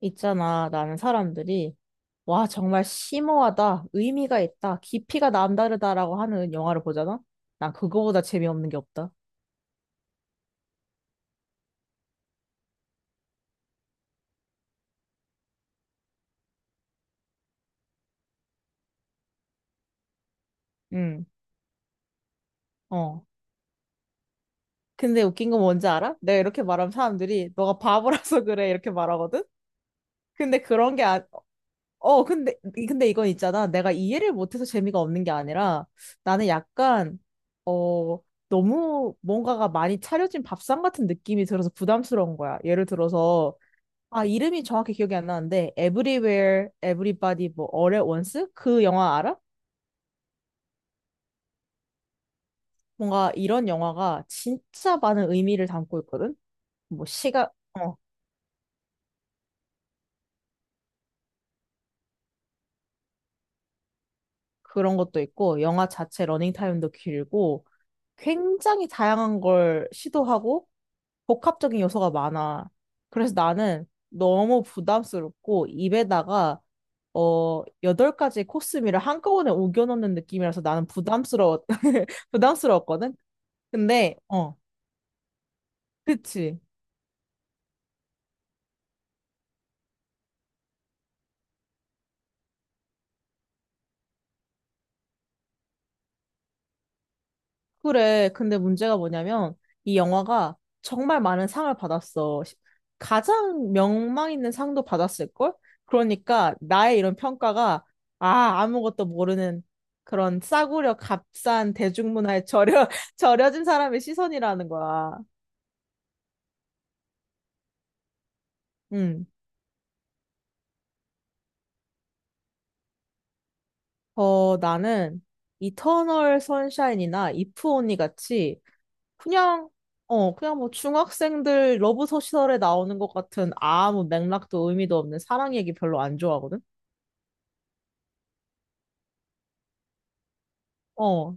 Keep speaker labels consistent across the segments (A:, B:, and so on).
A: 있잖아. 나는 사람들이, 와, 정말 심오하다, 의미가 있다, 깊이가 남다르다라고 하는 영화를 보잖아? 난 그거보다 재미없는 게 없다. 응, 어. 근데 웃긴 건 뭔지 알아? 내가 이렇게 말하면 사람들이, 너가 바보라서 그래, 이렇게 말하거든? 근데 그런 게, 아, 어, 근데, 근데 이건 있잖아. 내가 이해를 못해서 재미가 없는 게 아니라 나는 약간, 어, 너무 뭔가가 많이 차려진 밥상 같은 느낌이 들어서 부담스러운 거야. 예를 들어서, 아, 이름이 정확히 기억이 안 나는데, Everywhere, Everybody, 뭐, All at Once? 그 영화 알아? 뭔가 이런 영화가 진짜 많은 의미를 담고 있거든? 뭐, 시각, 어, 그런 것도 있고, 영화 자체 러닝타임도 길고, 굉장히 다양한 걸 시도하고, 복합적인 요소가 많아. 그래서 나는 너무 부담스럽고 입에다가 여덟 가지 코스미를 한꺼번에 우겨 넣는 느낌이라서 나는 부담스러웠거든? 근데, 어, 그치. 그래. 근데 문제가 뭐냐면 이 영화가 정말 많은 상을 받았어. 가장 명망 있는 상도 받았을걸? 그러니까 나의 이런 평가가 아무것도 모르는 그런 싸구려 값싼 대중문화에 절여진 사람의 시선이라는 거야. 음. 나는 이터널 선샤인이나 이프 언니 같이 그냥, 그냥 뭐 중학생들 러브 소설에 나오는 것 같은 아무 맥락도 의미도 없는 사랑 얘기 별로 안 좋아하거든? 어.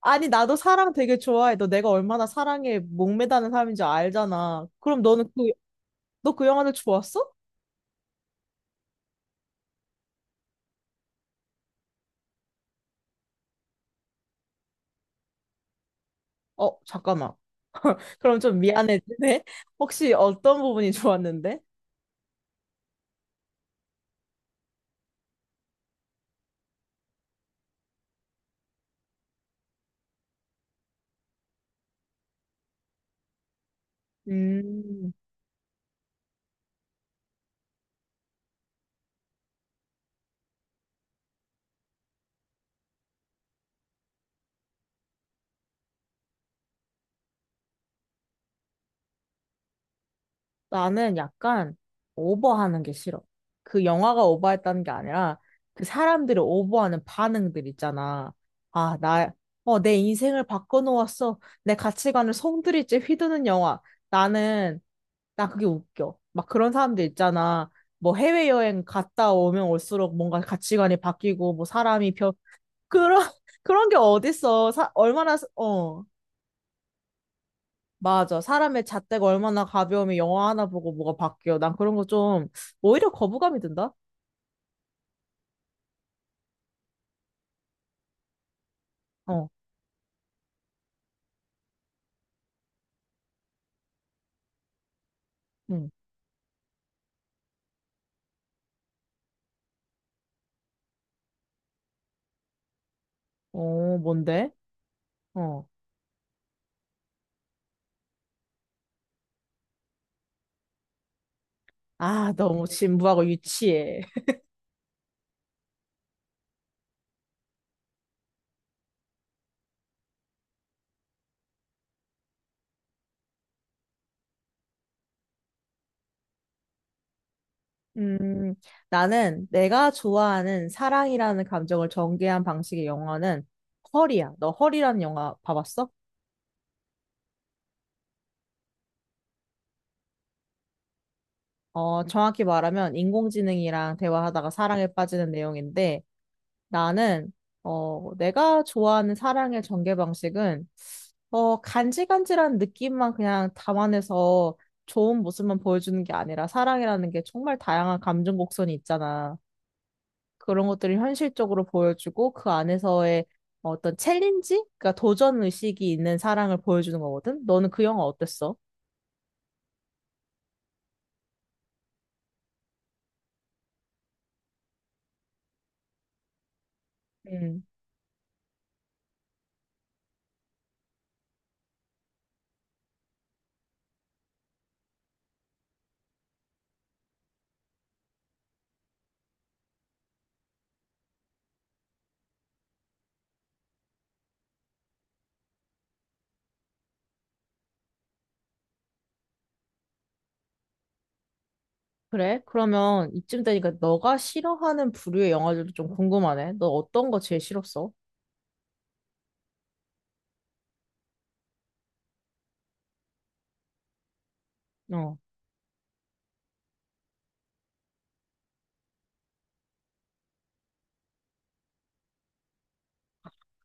A: 아니, 나도 사랑 되게 좋아해. 너 내가 얼마나 사랑에 목매다는 사람인지 알잖아. 그럼 너는 너 그 영화를 좋았어? 잠깐만. 그럼 좀 미안해지네. 혹시 어떤 부분이 좋았는데? 음. 나는 약간 오버하는 게 싫어. 그 영화가 오버했다는 게 아니라 그 사람들이 오버하는 반응들 있잖아. 아, 내 인생을 바꿔놓았어. 내 가치관을 송두리째 휘두는 영화. 나는, 나 그게 웃겨. 막 그런 사람들 있잖아. 뭐 해외여행 갔다 오면 올수록 뭔가 가치관이 바뀌고, 뭐 그런, 그런 게 어딨어. 얼마나, 어. 맞아. 사람의 잣대가 얼마나 가벼우면 영화 하나 보고 뭐가 바뀌어. 난 그런 거 좀, 오히려 거부감이 든다? 어, 응. 어, 뭔데? 어. 아, 너무 진부하고 유치해. 음, 나는 내가 좋아하는 사랑이라는 감정을 전개한 방식의 영화는 헐이야. 너 헐이라는 영화 봐봤어? 어, 정확히 말하면 인공지능이랑 대화하다가 사랑에 빠지는 내용인데 나는, 내가 좋아하는 사랑의 전개 방식은 간질간질한 느낌만 그냥 담아내서 좋은 모습만 보여주는 게 아니라 사랑이라는 게 정말 다양한 감정 곡선이 있잖아. 그런 것들을 현실적으로 보여주고 그 안에서의 어떤 챌린지? 그러니까 도전 의식이 있는 사랑을 보여주는 거거든. 너는 그 영화 어땠어? 음, 그래? 그러면 이쯤 되니까 너가 싫어하는 부류의 영화들도 좀 궁금하네. 너 어떤 거 제일 싫었어? 어,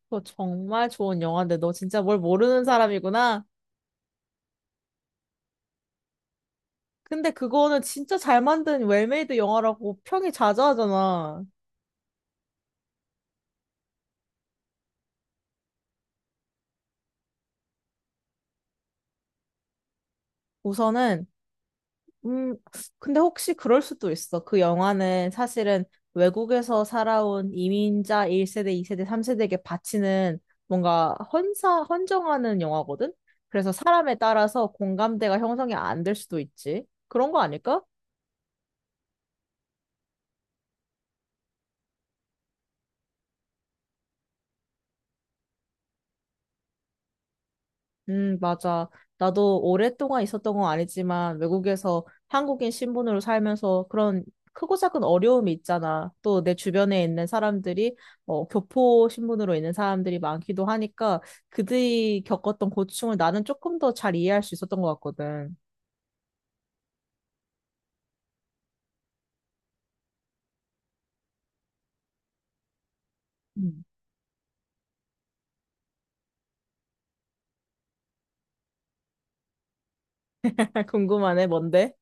A: 그거 정말 좋은 영화인데 너 진짜 뭘 모르는 사람이구나. 근데 그거는 진짜 잘 만든 웰메이드 영화라고 평이 자자하잖아. 우선은, 음, 근데 혹시 그럴 수도 있어. 그 영화는 사실은 외국에서 살아온 이민자 1세대, 2세대, 3세대에게 바치는 뭔가 헌사, 헌정하는 영화거든? 그래서 사람에 따라서 공감대가 형성이 안 될 수도 있지. 그런 거 아닐까? 맞아. 나도 오랫동안 있었던 건 아니지만 외국에서 한국인 신분으로 살면서 그런 크고 작은 어려움이 있잖아. 또 내 주변에 있는 사람들이 교포 신분으로 있는 사람들이 많기도 하니까 그들이 겪었던 고충을 나는 조금 더 잘 이해할 수 있었던 것 같거든. 음. 궁금하네, 뭔데?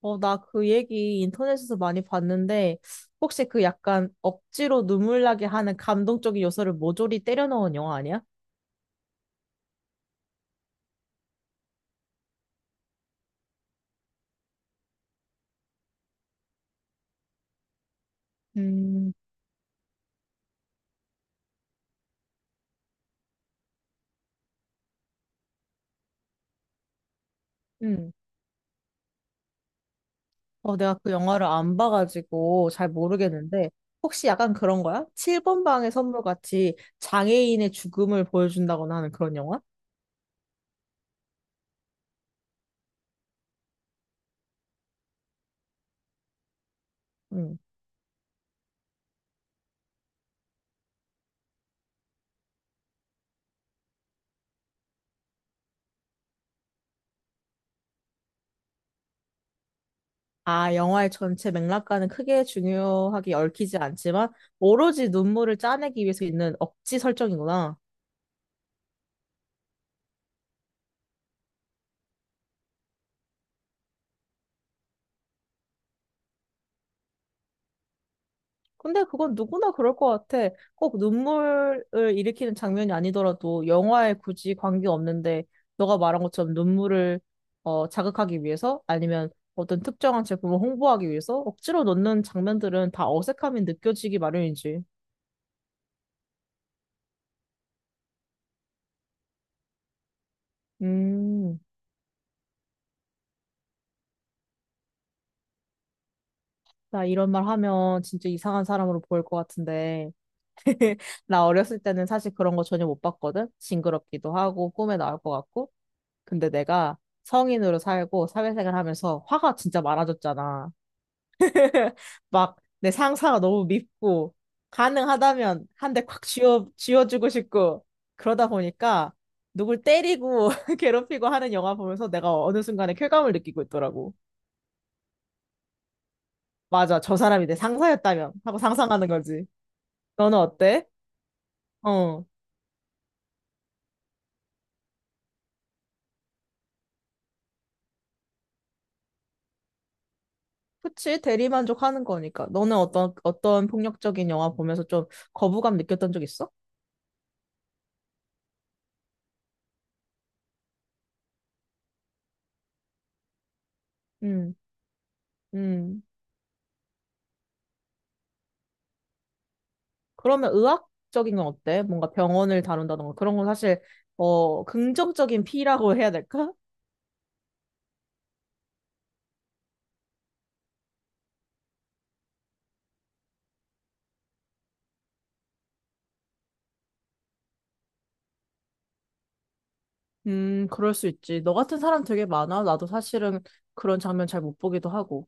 A: 어, 나 그 얘기 인터넷에서 많이 봤는데 혹시 그 약간 억지로 눈물 나게 하는 감동적인 요소를 모조리 때려 넣은 영화 아니야? 음, 음. 어, 내가 그 영화를 안 봐가지고 잘 모르겠는데, 혹시 약간 그런 거야? 7번 방의 선물 같이 장애인의 죽음을 보여준다거나 하는 그런 영화? 응. 아, 영화의 전체 맥락과는 크게 중요하게 얽히지 않지만, 오로지 눈물을 짜내기 위해서 있는 억지 설정이구나. 근데 그건 누구나 그럴 것 같아. 꼭 눈물을 일으키는 장면이 아니더라도 영화에 굳이 관계없는데 너가 말한 것처럼 눈물을 자극하기 위해서 아니면 어떤 특정한 제품을 홍보하기 위해서 억지로 넣는 장면들은 다 어색함이 느껴지기 마련이지. 음, 나 이런 말 하면 진짜 이상한 사람으로 보일 것 같은데. 나 어렸을 때는 사실 그런 거 전혀 못 봤거든. 징그럽기도 하고 꿈에 나올 것 같고. 근데 내가 성인으로 살고 사회생활 하면서 화가 진짜 많아졌잖아. 막 내 상사가 너무 밉고 가능하다면 한 대 콱 쥐어주고 싶고 그러다 보니까 누굴 때리고 괴롭히고 하는 영화 보면서 내가 어느 순간에 쾌감을 느끼고 있더라고. 맞아, 저 사람이 내 상사였다면 하고 상상하는 거지. 너는 어때? 어. 그치, 대리만족하는 거니까. 너는 어떤 폭력적인 영화 보면서 좀 거부감 느꼈던 적 있어? 응, 응. 그러면 의학적인 건 어때? 뭔가 병원을 다룬다던가 그런 건 사실 긍정적인 P라고 해야 될까? 그럴 수 있지. 너 같은 사람 되게 많아. 나도 사실은 그런 장면 잘 못 보기도 하고.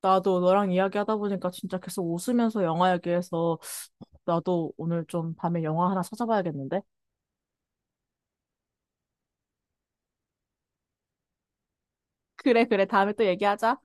A: 나도 너랑 이야기하다 보니까 진짜 계속 웃으면서 영화 얘기해서 나도 오늘 좀 밤에 영화 하나 찾아봐야겠는데? 그래, 그래. 다음에 또 얘기하자.